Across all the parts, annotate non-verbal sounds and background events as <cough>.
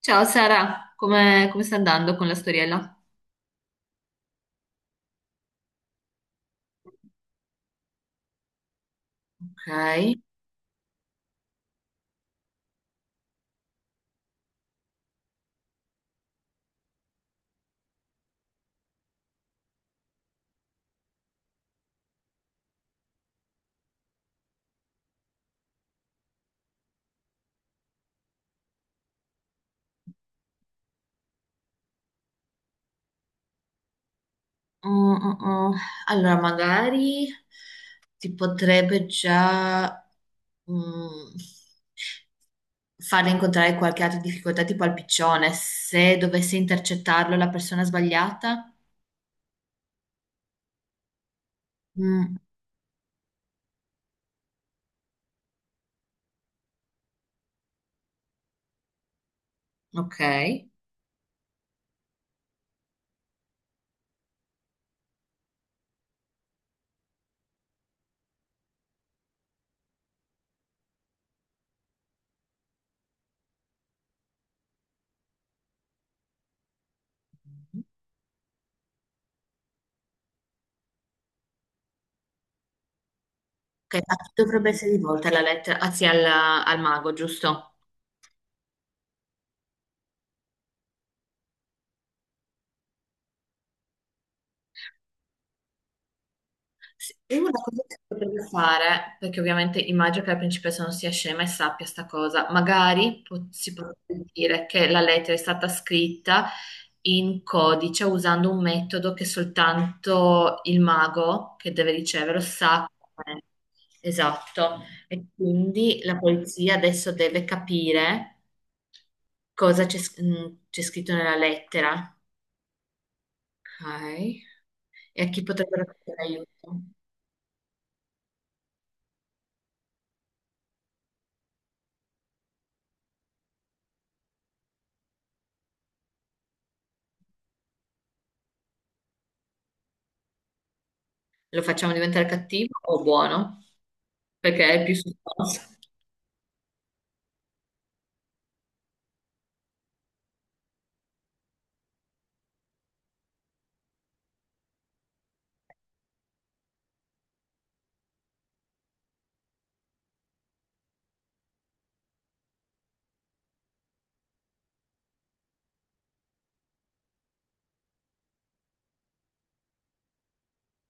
Ciao Sara, come sta andando con la storiella? Ok. Mm, mm, mm. Allora, magari ti potrebbe già mm, farle incontrare qualche altra difficoltà, tipo al piccione, se dovesse intercettarlo la persona sbagliata. Mm, ok. Ok, a chi dovrebbe essere rivolta la lettera? Anzi, al mago, giusto? Sì, e una cosa che si potrebbe fare, perché ovviamente immagino che la principessa non sia scema e sappia sta cosa, magari si potrebbe dire che la lettera è stata scritta in codice usando un metodo che soltanto il mago che deve riceverlo sa. Com'è. Esatto. E quindi la polizia adesso deve capire cosa c'è scritto nella lettera. Ok. E a chi potrebbero chiedere aiuto? Lo facciamo diventare cattivo o buono? Perché è più sostanza.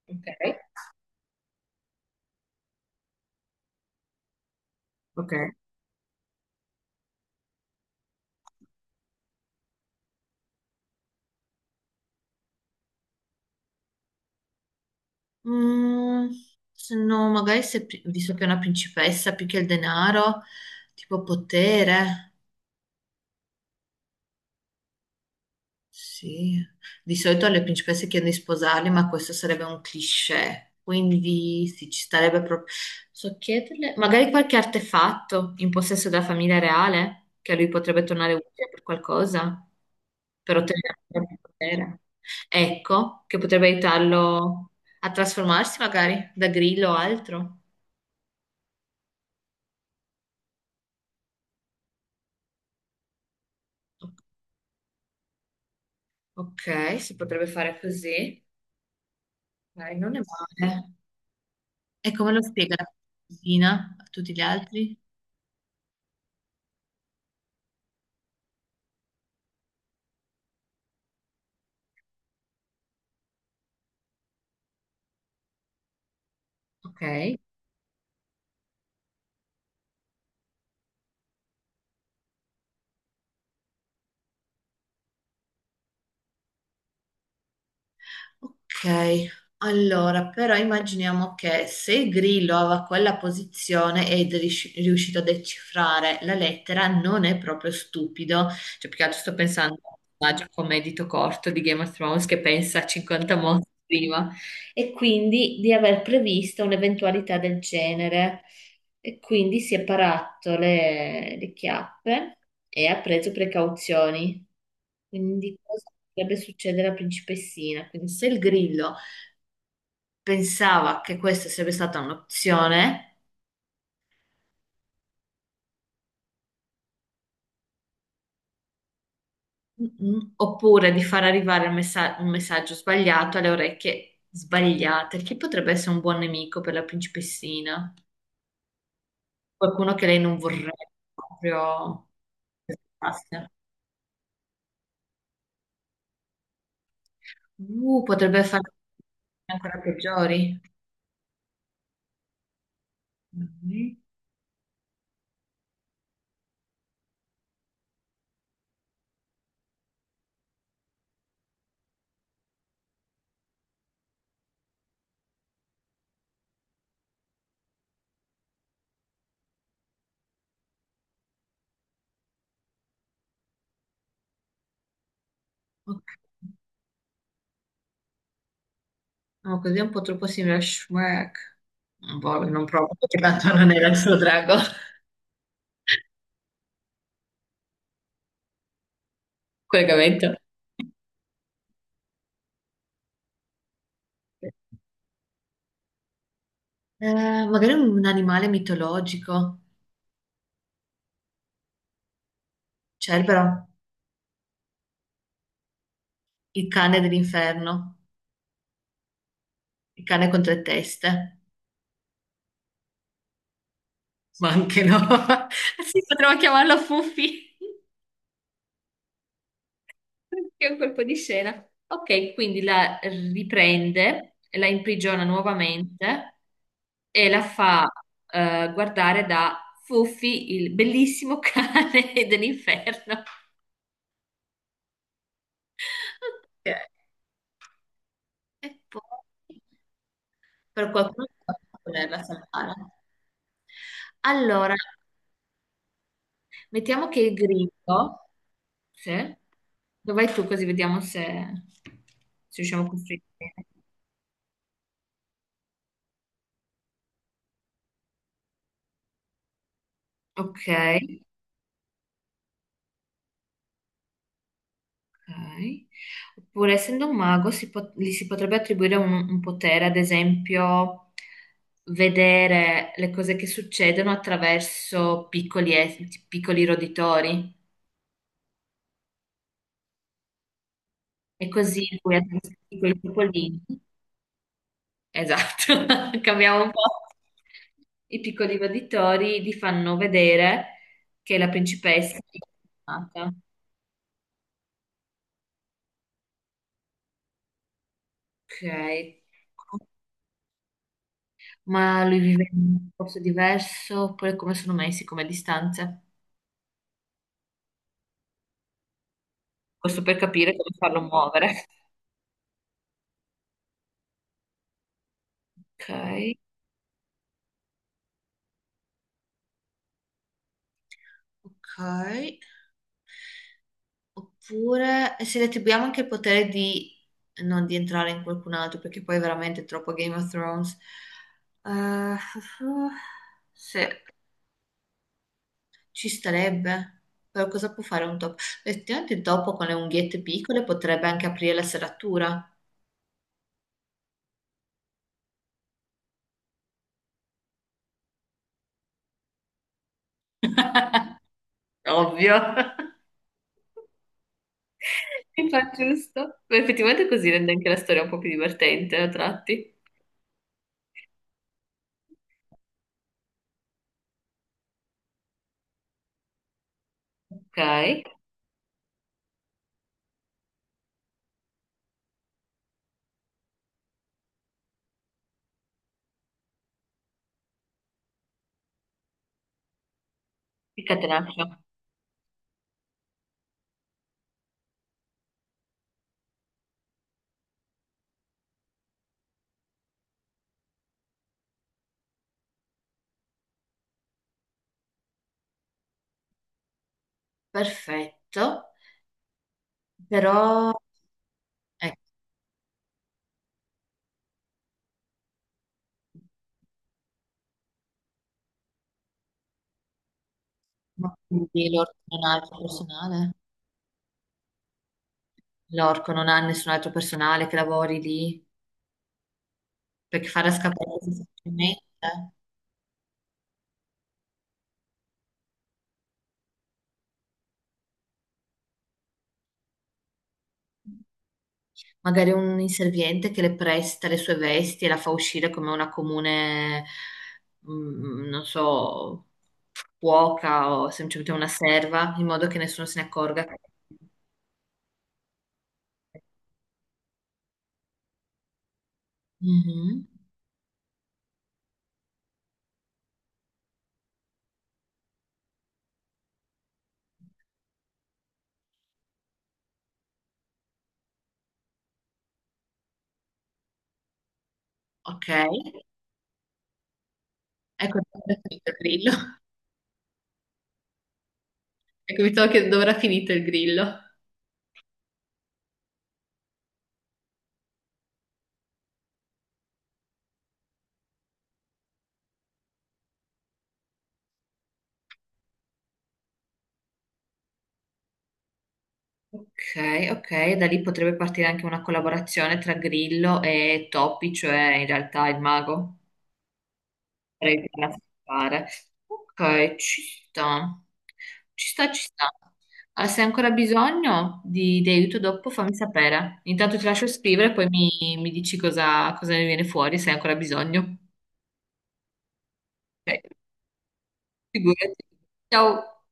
Ok. Ok. Mm, se no, magari se, pri- visto che è una principessa più che il denaro, tipo potere. Sì, di solito alle principesse chiedono di sposarli, ma questo sarebbe un cliché, quindi sì, ci starebbe proprio... So chiederle, magari qualche artefatto in possesso della famiglia reale, che a lui potrebbe tornare utile per qualcosa, per ottenere il potere. Ecco, che potrebbe aiutarlo a trasformarsi magari da grillo o altro. Ok, si potrebbe fare così, dai, non è male. E come lo spiega la cugina a tutti gli altri? Ok. Ok, allora però immaginiamo che se il grillo aveva quella posizione ed è riuscito a decifrare la lettera, non è proprio stupido. Cioè, più che altro sto pensando a un personaggio come Dito Corto di Game of Thrones che pensa a 50 modi prima e quindi di aver previsto un'eventualità del genere. E quindi si è parato le chiappe e ha preso precauzioni. Quindi cosa potrebbe succedere alla principessina? Quindi se il grillo pensava che questa sarebbe stata un'opzione, mm-mm, oppure di far arrivare un messaggio sbagliato alle orecchie sbagliate, chi potrebbe essere un buon nemico per la principessina? Qualcuno che lei non vorrebbe proprio che passasse. Potrebbe fare ancora peggiori. Mm, ok. No, così è un po' troppo simile a Shrek. Boh, non proprio, perché tanto non era il suo drago. Collegamento. Eh, magari un animale mitologico. Cerbero, il cane dell'inferno, il cane con tre teste. Ma anche no. <laughs> Sì, potremmo chiamarlo Fuffi, che è un colpo di scena. Ok, quindi la riprende, la imprigiona nuovamente e la fa guardare da Fuffi, il bellissimo cane <laughs> dell'inferno. Ok, e poi... per qualcuno che possa volerla salvare. Allora, mettiamo che il grillo, sì, dove vai tu così vediamo se, se riusciamo a costruire bene. Ok, ok. Oppure, essendo un mago, gli si potrebbe attribuire un potere, ad esempio, vedere le cose che succedono attraverso piccoli roditori. E così lui attraverso piccoli topolini. Esatto, <laughs> cambiamo un po'. I piccoli roditori gli fanno vedere che la principessa è nata. Ok. Ma lui vive in un posto diverso, oppure come sono messi come distanze? Questo per capire come farlo muovere. Ok, ok. Oppure se le attribuiamo anche il potere di non di entrare in qualcun altro, perché poi è veramente troppo Game of Thrones. Eh, <laughs> sì. Ci starebbe, però cosa può fare un topo? Effettivamente il topo con le unghiette piccole potrebbe anche aprire la serratura. Ovvio, <laughs> mi fa giusto. Ma effettivamente così rende anche la storia un po' più divertente a tratti. Ok, il catenaccio. Perfetto, però ecco, ma quindi l'orco non ha altro personale? L'orco non ha nessun altro personale che lavori lì perché farà scappare così facilmente. Magari un inserviente che le presta le sue vesti e la fa uscire come una comune, mm, non so, cuoca o semplicemente una serva, in modo che nessuno se ne accorga. Mhm. Ok, ecco dove è finito il grillo. <laughs> Ecco, mi stavo chiedendo dove era finito il grillo. Ok, ok, da lì potrebbe partire anche una collaborazione tra Grillo e Topi, cioè in realtà il mago. Potrei fare. Ok, ci sta. Ci sta, ci sta. Ah, se hai ancora bisogno di aiuto dopo, fammi sapere. Intanto ti lascio scrivere, poi mi dici cosa ne viene fuori, se hai ancora bisogno. Ok, figurati. Ciao.